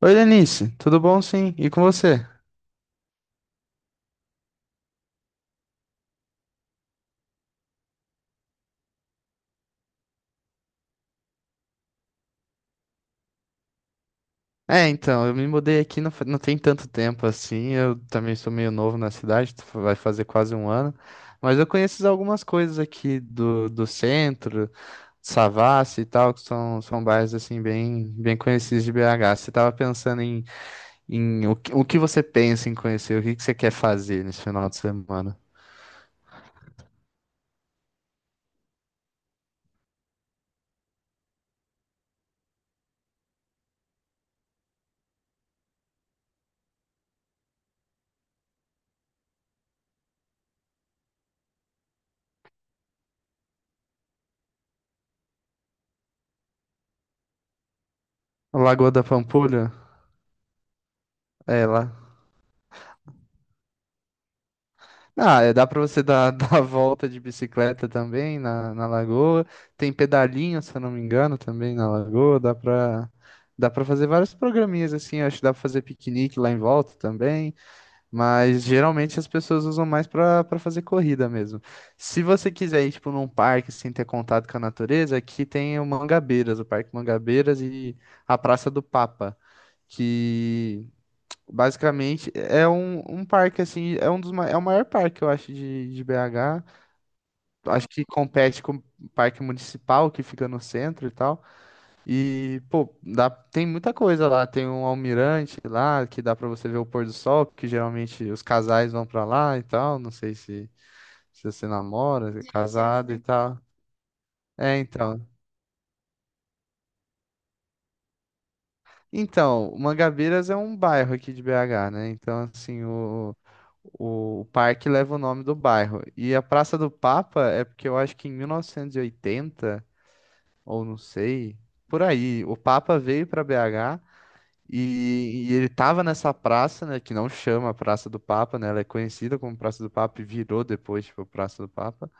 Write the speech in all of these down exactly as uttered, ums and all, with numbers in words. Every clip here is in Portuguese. Oi, Lenice, tudo bom sim? E com você? É, então, eu me mudei aqui não, fa- não tem tanto tempo assim. Eu também sou meio novo na cidade, tu- vai fazer quase um ano, mas eu conheço algumas coisas aqui do, do centro, Savassi e tal, que são, são bairros assim bem, bem conhecidos de B H. Você estava pensando em, em o, que- o que você pensa em conhecer, o que, que você quer fazer nesse final de semana? Lagoa da Pampulha? É, lá. Ah, é, dá pra você dar, dar a volta de bicicleta também na, na lagoa. Tem pedalinho, se eu não me engano, também na lagoa. Dá pra, dá pra fazer vários programinhas assim. Acho que dá pra fazer piquenique lá em volta também. Mas geralmente as pessoas usam mais pra, pra fazer corrida mesmo. Se você quiser ir, tipo, num parque, assim, ter contato com a natureza, aqui tem o Mangabeiras, o Parque Mangabeiras e a Praça do Papa. Que Basicamente, é um, um parque, assim, é um dos, ma- é o maior parque, eu acho, de, de B H. Acho que compete com o parque municipal, que fica no centro e tal. E, pô, dá, tem muita coisa lá. Tem um almirante lá, que dá pra você ver o pôr do sol, que geralmente os casais vão pra lá e tal. Não sei se, se você namora, se é casado e tal. É, então. Então, Mangabeiras é um bairro aqui de B H, né? Então, assim, o, o parque leva o nome do bairro. E a Praça do Papa é porque eu acho que em mil novecentos e oitenta, ou não sei, por aí, o Papa veio para B H e, e ele tava nessa praça, né? Que não chama Praça do Papa, né? Ela é conhecida como Praça do Papa e virou depois, tipo, Praça do Papa.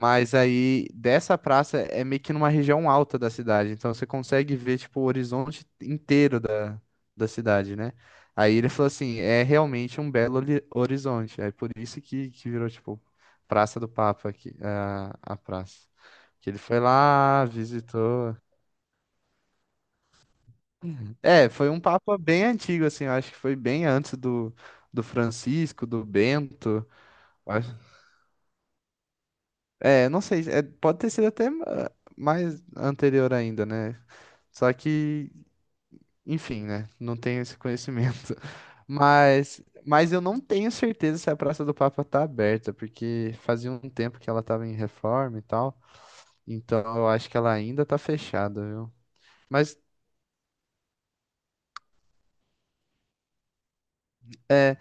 Mas aí, dessa praça é meio que numa região alta da cidade, então você consegue ver, tipo, o horizonte inteiro da, da cidade, né? Aí ele falou assim, é realmente um belo hori- horizonte, é por isso que, que virou, tipo, Praça do Papa, aqui, a, a praça. Que ele foi lá, visitou. É, foi um papa bem antigo, assim, eu acho que foi bem antes do, do Francisco, do Bento. eu acho- É, não sei, é, pode ter sido até ah, mais anterior ainda, né? Só que, enfim, né? Não tenho esse conhecimento. Mas, mas eu não tenho certeza se a Praça do Papa tá aberta, porque fazia um tempo que ela tava em reforma e tal. Então eu acho que ela ainda tá fechada, viu? Mas é,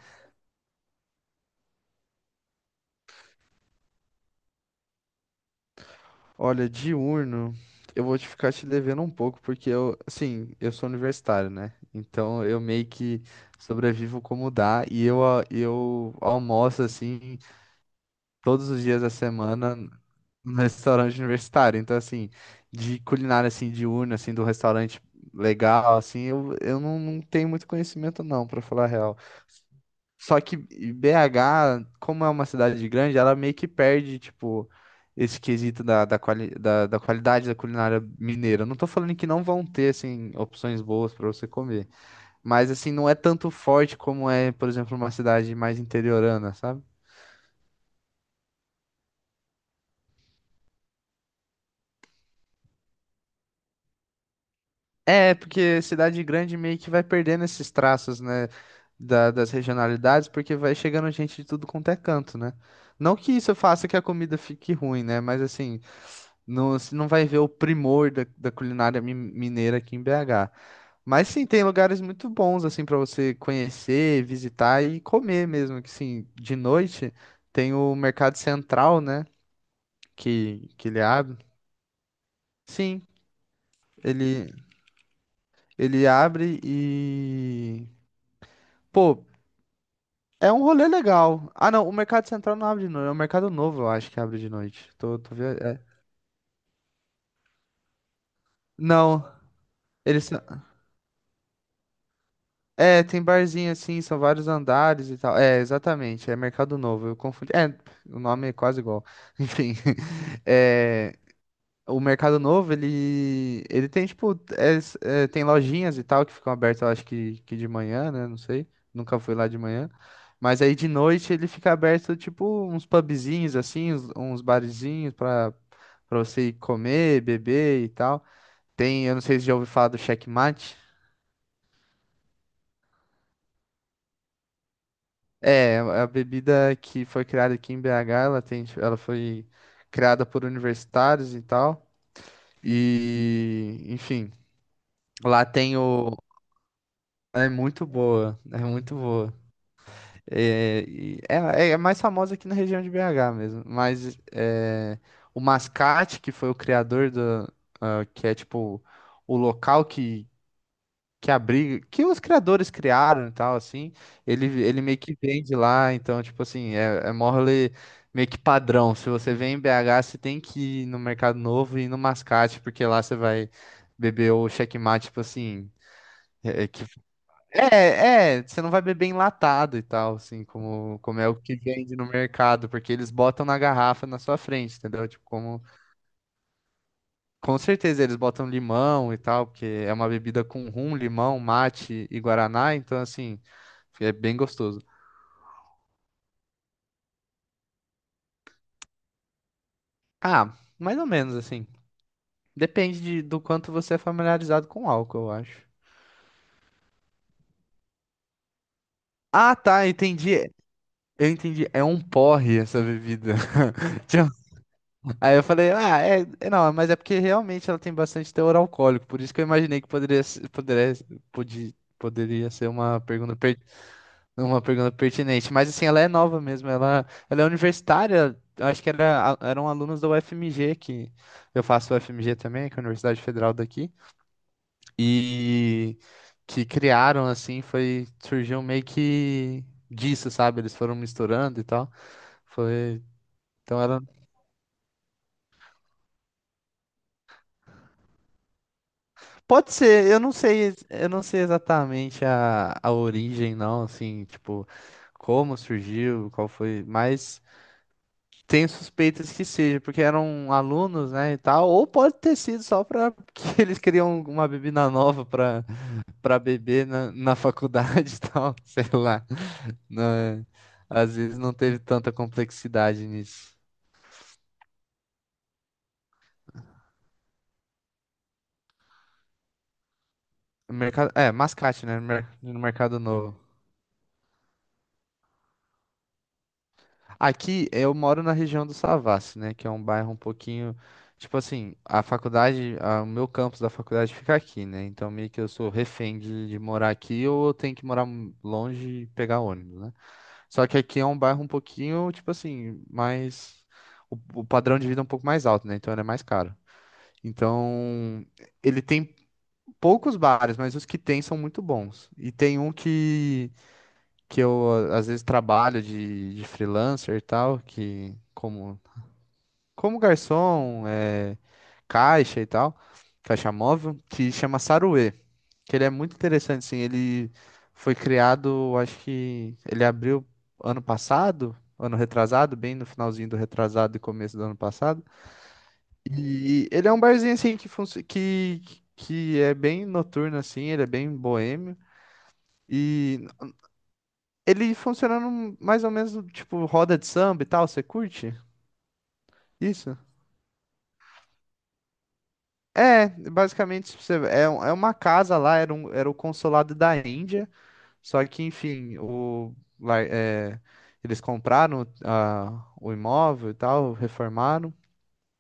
olha, diurno, eu vou te ficar te devendo um pouco, porque eu, assim, eu sou universitário, né? Então eu meio que sobrevivo como dá e eu, a- eu almoço assim todos os dias da semana no restaurante universitário. Então, assim, de culinária, assim, diurna, assim, do restaurante legal, assim, eu, eu não, não tenho muito conhecimento, não, pra falar a real. Só que B H, como é uma cidade grande, ela meio que perde, tipo, esse quesito da, da, quali da, da qualidade da culinária mineira. Eu não tô falando que não vão ter, assim, opções boas pra você comer. Mas, assim, não é tanto forte como é, por exemplo, uma cidade mais interiorana, sabe? É, porque cidade grande meio que vai perdendo esses traços, né, da- das regionalidades, porque vai chegando gente de tudo quanto é canto, né? Não que isso faça que a comida fique ruim, né? Mas assim, não, você não vai ver o primor da, da culinária mi- mineira aqui em B H. Mas sim, tem lugares muito bons, assim, para você conhecer, visitar e comer mesmo. Que sim, de noite tem o Mercado Central, né? Que, que ele abre. Sim, ele, ele abre e. Pô, é um rolê legal. Ah, não, o Mercado Central não abre de noite. É o Mercado Novo, eu acho que abre de noite. Tô, tô vendo. É. Não, eles. São- É, tem barzinho assim, são vários andares e tal. É, exatamente, é Mercado Novo. Eu confundi. É, o nome é quase igual. Enfim. É. O Mercado Novo, ele, ele tem, tipo, é- é, tem lojinhas e tal que ficam abertas, eu acho que, que de manhã, né? Não sei. Nunca fui lá de manhã. Mas aí de noite ele fica aberto, tipo, uns pubzinhos, assim, uns, uns barzinhos pra, pra você ir comer, beber e tal. Tem, eu não sei se já ouviu falar do Checkmate. É, a bebida que foi criada aqui em B H, ela tem, ela foi criada por universitários e tal. E, enfim, lá tem o, é muito boa, é muito boa. É, e- é, é é mais famosa aqui na região de B H mesmo, mas é, o Mascate, que foi o criador do, ah, que é tipo o local que, que abriga, que os criadores criaram e tal, assim, ele, ele meio que vende lá, então, tipo assim, é, é mole meio que padrão. Se você vem em B H, você tem que ir no Mercado Novo e ir no Mascate, porque lá você vai beber o checkmate, tipo assim, é, é que é, é, você não vai beber enlatado e tal, assim, como, como é o que vende no mercado, porque eles botam na garrafa na sua frente, entendeu? Tipo, como, com certeza eles botam limão e tal, porque é uma bebida com rum, limão, mate e guaraná, então, assim, é bem gostoso. Ah, mais ou menos, assim, depende de- do quanto você é familiarizado com álcool, eu acho. Ah, tá, entendi. Eu entendi. É um porre essa bebida. Aí eu falei, ah, é, é não, mas é porque realmente ela tem bastante teor alcoólico, por isso que eu imaginei que poderia, se- poderia, podia, poderia ser uma pergunta, per- uma pergunta pertinente. Mas assim, ela é nova mesmo, ela, ela é universitária, eu acho que era, eram alunos da U F M G, que eu faço U F M G também, que é a Universidade Federal daqui, e que criaram, assim, foi, surgiu meio que disso, sabe? Eles foram misturando e tal. Foi. Então ela Pode ser, eu não sei, eu não sei exatamente a, a origem, não, assim, tipo, como surgiu, qual foi, mas tenho suspeitas que seja, porque eram alunos, né, e tal, ou pode ter sido só para que eles criam uma bebida nova para para beber na, na faculdade e tal, sei lá, né? Às vezes não teve tanta complexidade nisso. Mercado, é, mascate, né, mer- no mercado novo. Aqui eu moro na região do Savassi, né? Que é um bairro um pouquinho. Tipo assim, a faculdade, a- o meu campus da faculdade fica aqui, né? Então meio que eu sou refém de, de morar aqui ou eu tenho que morar m- longe e pegar ônibus, né? Só que aqui é um bairro um pouquinho, tipo assim, mais. O, o padrão de vida é um pouco mais alto, né? Então ele é mais caro. Então, ele tem poucos bares, mas os que tem são muito bons. E tem um que que eu às vezes trabalho de, de freelancer e tal, que como como garçom, é, caixa e tal, caixa móvel, que chama Saruê, que ele é muito interessante, assim, ele foi criado, acho que ele abriu ano passado, ano retrasado, bem no finalzinho do retrasado e começo do ano passado. E ele é um barzinho assim que funci- que que é bem noturno assim, ele é bem boêmio. E ele funciona num- mais ou menos no tipo roda de samba e tal, você curte? Isso? É, basicamente tipo, você- é, um- é uma casa lá, era, um, era o consulado da Índia, só que enfim, o, lá, é, eles compraram ah, o imóvel e tal, reformaram.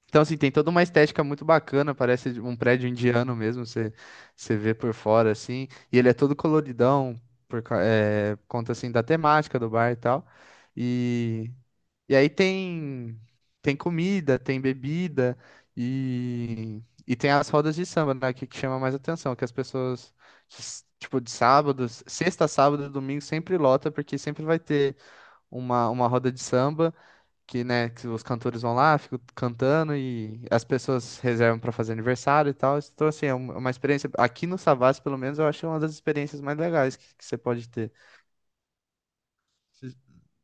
Então assim, tem toda uma estética muito bacana, parece de um prédio indiano mesmo, você, você vê por fora assim, e ele é todo coloridão, por, ca- é, conta assim da temática do bar e tal. E e aí tem tem comida, tem bebida e, e tem as rodas de samba, né, que, que chama mais atenção, que as pessoas que s- tipo de sábado, sexta, sábado e domingo sempre lota porque sempre vai ter uma, uma roda de samba que, né, que os cantores vão lá, ficam cantando e as pessoas reservam para fazer aniversário e tal. Então assim, é um- é uma experiência aqui no Savassi, pelo menos eu acho uma das experiências mais legais que, que você pode ter.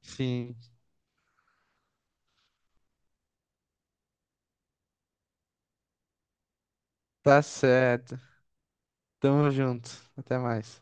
Sim, tá certo. Tamo junto. Até mais.